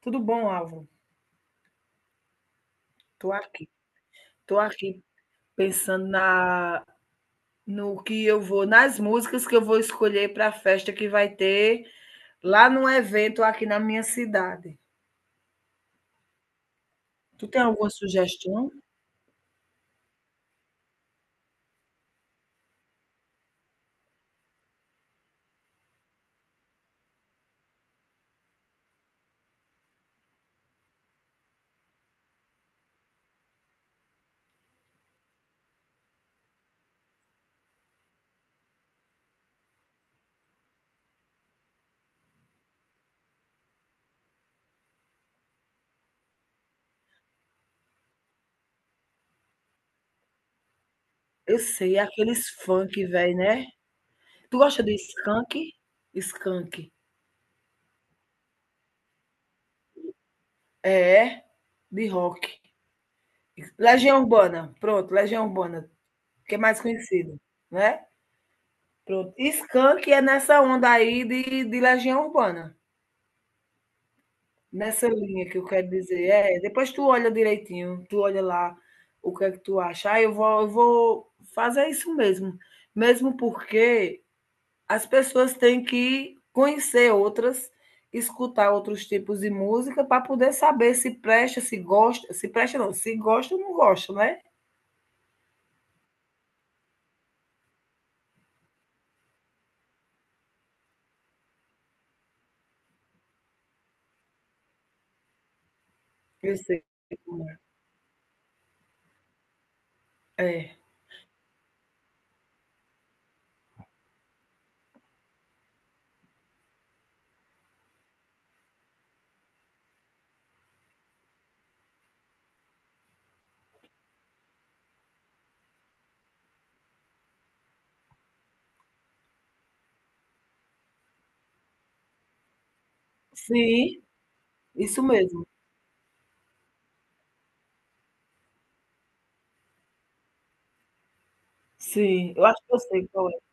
Tudo bom, Álvaro? Tô aqui, tô aqui pensando na no que eu vou, nas músicas que eu vou escolher para a festa que vai ter lá num evento aqui na minha cidade. Tu tem alguma sugestão? Eu sei, aqueles funk, velho, né? Tu gosta de Skank? Skank. É, é? De rock. Legião Urbana, pronto, Legião Urbana, que é mais conhecido, né? Pronto. Skank é nessa onda aí de Legião Urbana. Nessa linha que eu quero dizer, é, depois tu olha direitinho, tu olha lá o que é que tu acha. Ah, eu vou fazer isso mesmo. Mesmo porque as pessoas têm que conhecer outras, escutar outros tipos de música para poder saber se presta, se gosta, se presta não, se gosta ou não gosta, né? Eu sei. É. É. Sim, isso mesmo. Sim, eu acho que eu sei qual é.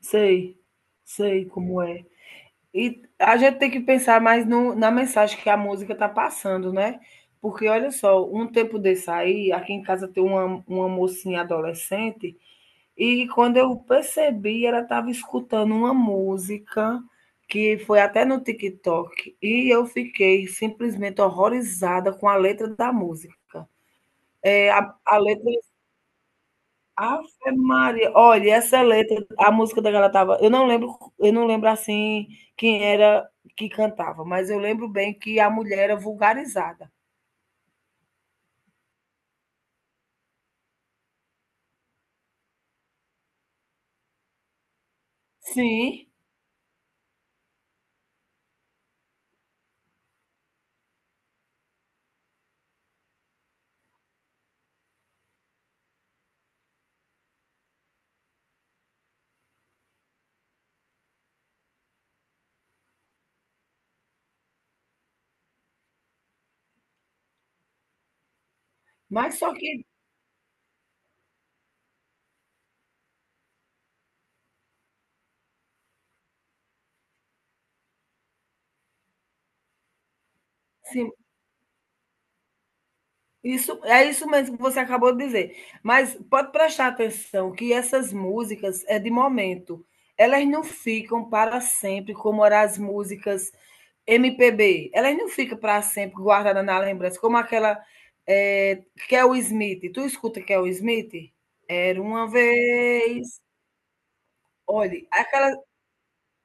Sei, sei como é. E a gente tem que pensar mais no, na mensagem que a música está passando, né? Porque olha só, um tempo desse aí, aqui em casa tem uma mocinha adolescente, e quando eu percebi, ela estava escutando uma música que foi até no TikTok, e eu fiquei simplesmente horrorizada com a letra da música. É, a letra Ave Maria, olha, essa letra, a música da galera tava, eu não lembro assim quem era que cantava, mas eu lembro bem que a mulher era vulgarizada. Sim, mas só que sim, isso é isso mesmo que você acabou de dizer. Mas pode prestar atenção que essas músicas é de momento. Elas não ficam para sempre, como eram as músicas MPB. Elas não ficam para sempre guardadas na lembrança, como aquela é Kel Smith. Tu escuta Kel Smith? Era uma vez. Olhe, aquela.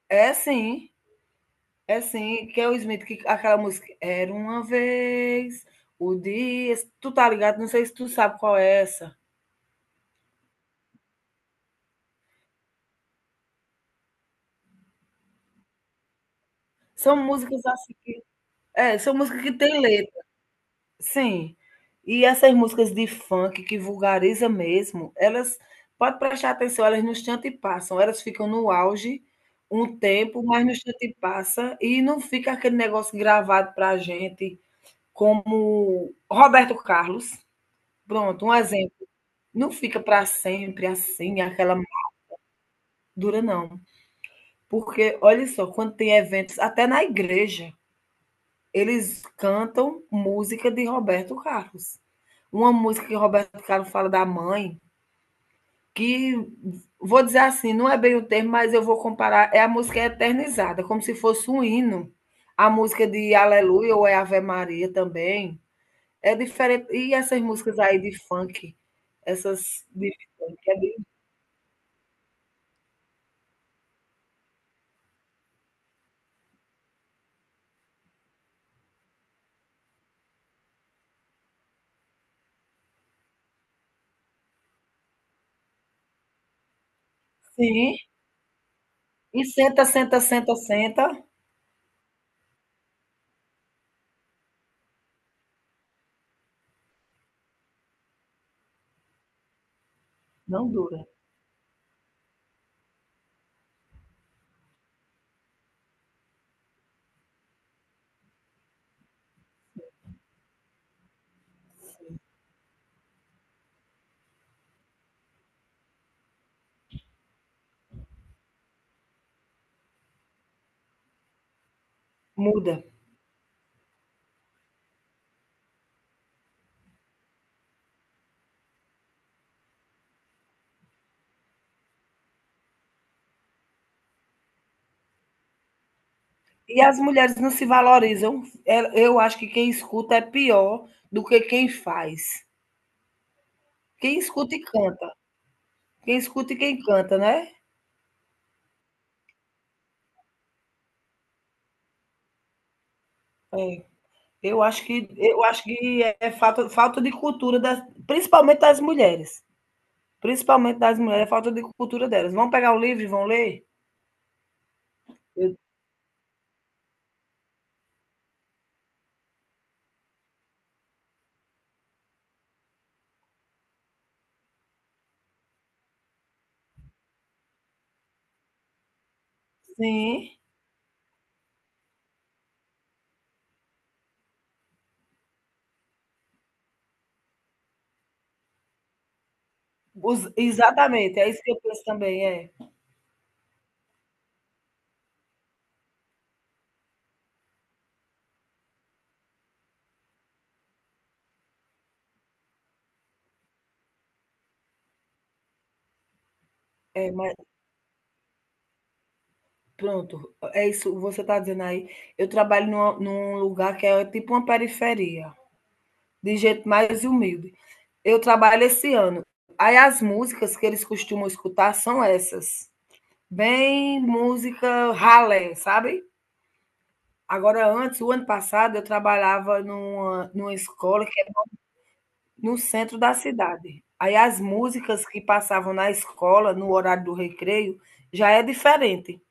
É sim, é sim. Kel Smith, que, aquela música. Era uma vez. O dia. Tu tá ligado? Não sei se tu sabe qual é essa. São músicas assim é, são músicas que têm letra. Sim. E essas músicas de funk que vulgariza mesmo, elas pode prestar atenção, elas no instante passam, elas ficam no auge um tempo, mas no instante passa e não fica aquele negócio gravado pra gente, como Roberto Carlos. Pronto, um exemplo. Não fica pra sempre assim, aquela dura não. Porque olha só, quando tem eventos até na igreja eles cantam música de Roberto Carlos. Uma música que Roberto Carlos fala da mãe, que vou dizer assim, não é bem o termo, mas eu vou comparar, é a música eternizada, como se fosse um hino. A música de Aleluia ou é Ave Maria também. É diferente. E essas músicas aí de funk, essas de funk, é bem- sim, e senta, senta, senta, senta, não dura, muda. E as mulheres não se valorizam. É- eu acho que quem escuta é pior do que quem faz. Quem escuta e canta. Quem escuta e quem canta, né? É. Eu acho que é é falta, falta de cultura, das, principalmente das mulheres. Principalmente das mulheres, é falta de cultura delas. Vão pegar o livro e vão ler? Eu- sim, os- exatamente, é isso que eu penso também. É, é, mas pronto, é isso que você está dizendo aí. Eu trabalho numa- num lugar que é tipo uma periferia. De gente mais humilde. Eu trabalho esse ano. Aí as músicas que eles costumam escutar são essas. Bem música ralé, sabe? Agora, antes, o ano passado, eu trabalhava numa escola que é no centro da cidade. Aí as músicas que passavam na escola, no horário do recreio, já é diferente.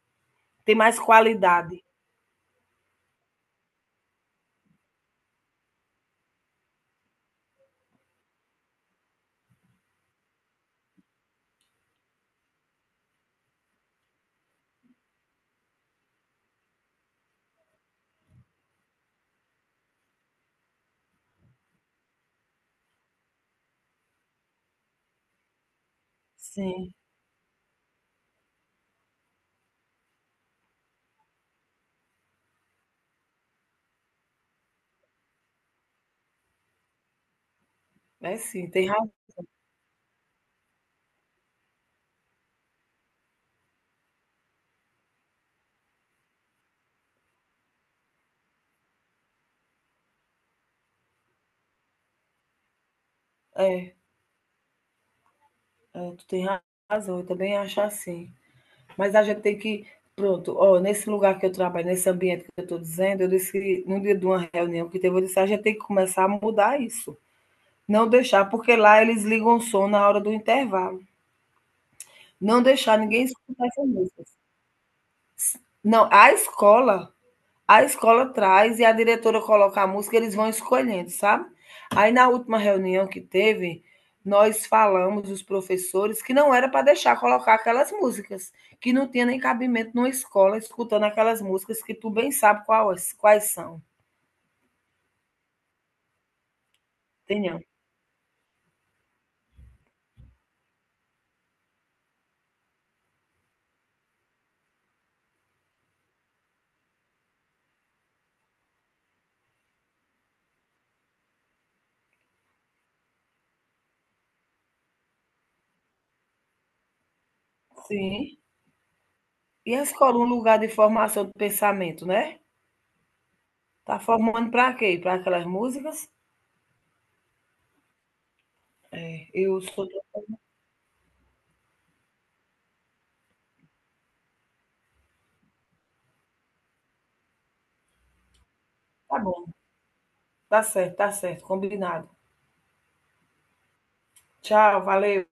Tem mais qualidade. Sim, é sim, tem razão. É, é, tu tem razão, eu também acho assim. Mas a gente tem que, pronto, ó, nesse lugar que eu trabalho, nesse ambiente que eu estou dizendo, eu disse, que no dia de uma reunião que teve, eu disse, a gente tem que começar a mudar isso. Não deixar, porque lá eles ligam o som na hora do intervalo. Não deixar ninguém escutar essa música. Não, a escola traz e a diretora coloca a música, eles vão escolhendo, sabe? Aí na última reunião que teve, nós falamos, os professores, que não era para deixar colocar aquelas músicas, que não tinha nem cabimento numa escola escutando aquelas músicas que tu bem sabe quais são, entendeu? Sim. E a escola, um lugar de formação do pensamento, né? Tá formando para quê? Para aquelas músicas? É, eu sou. Tá bom, tá certo, combinado. Tchau, valeu.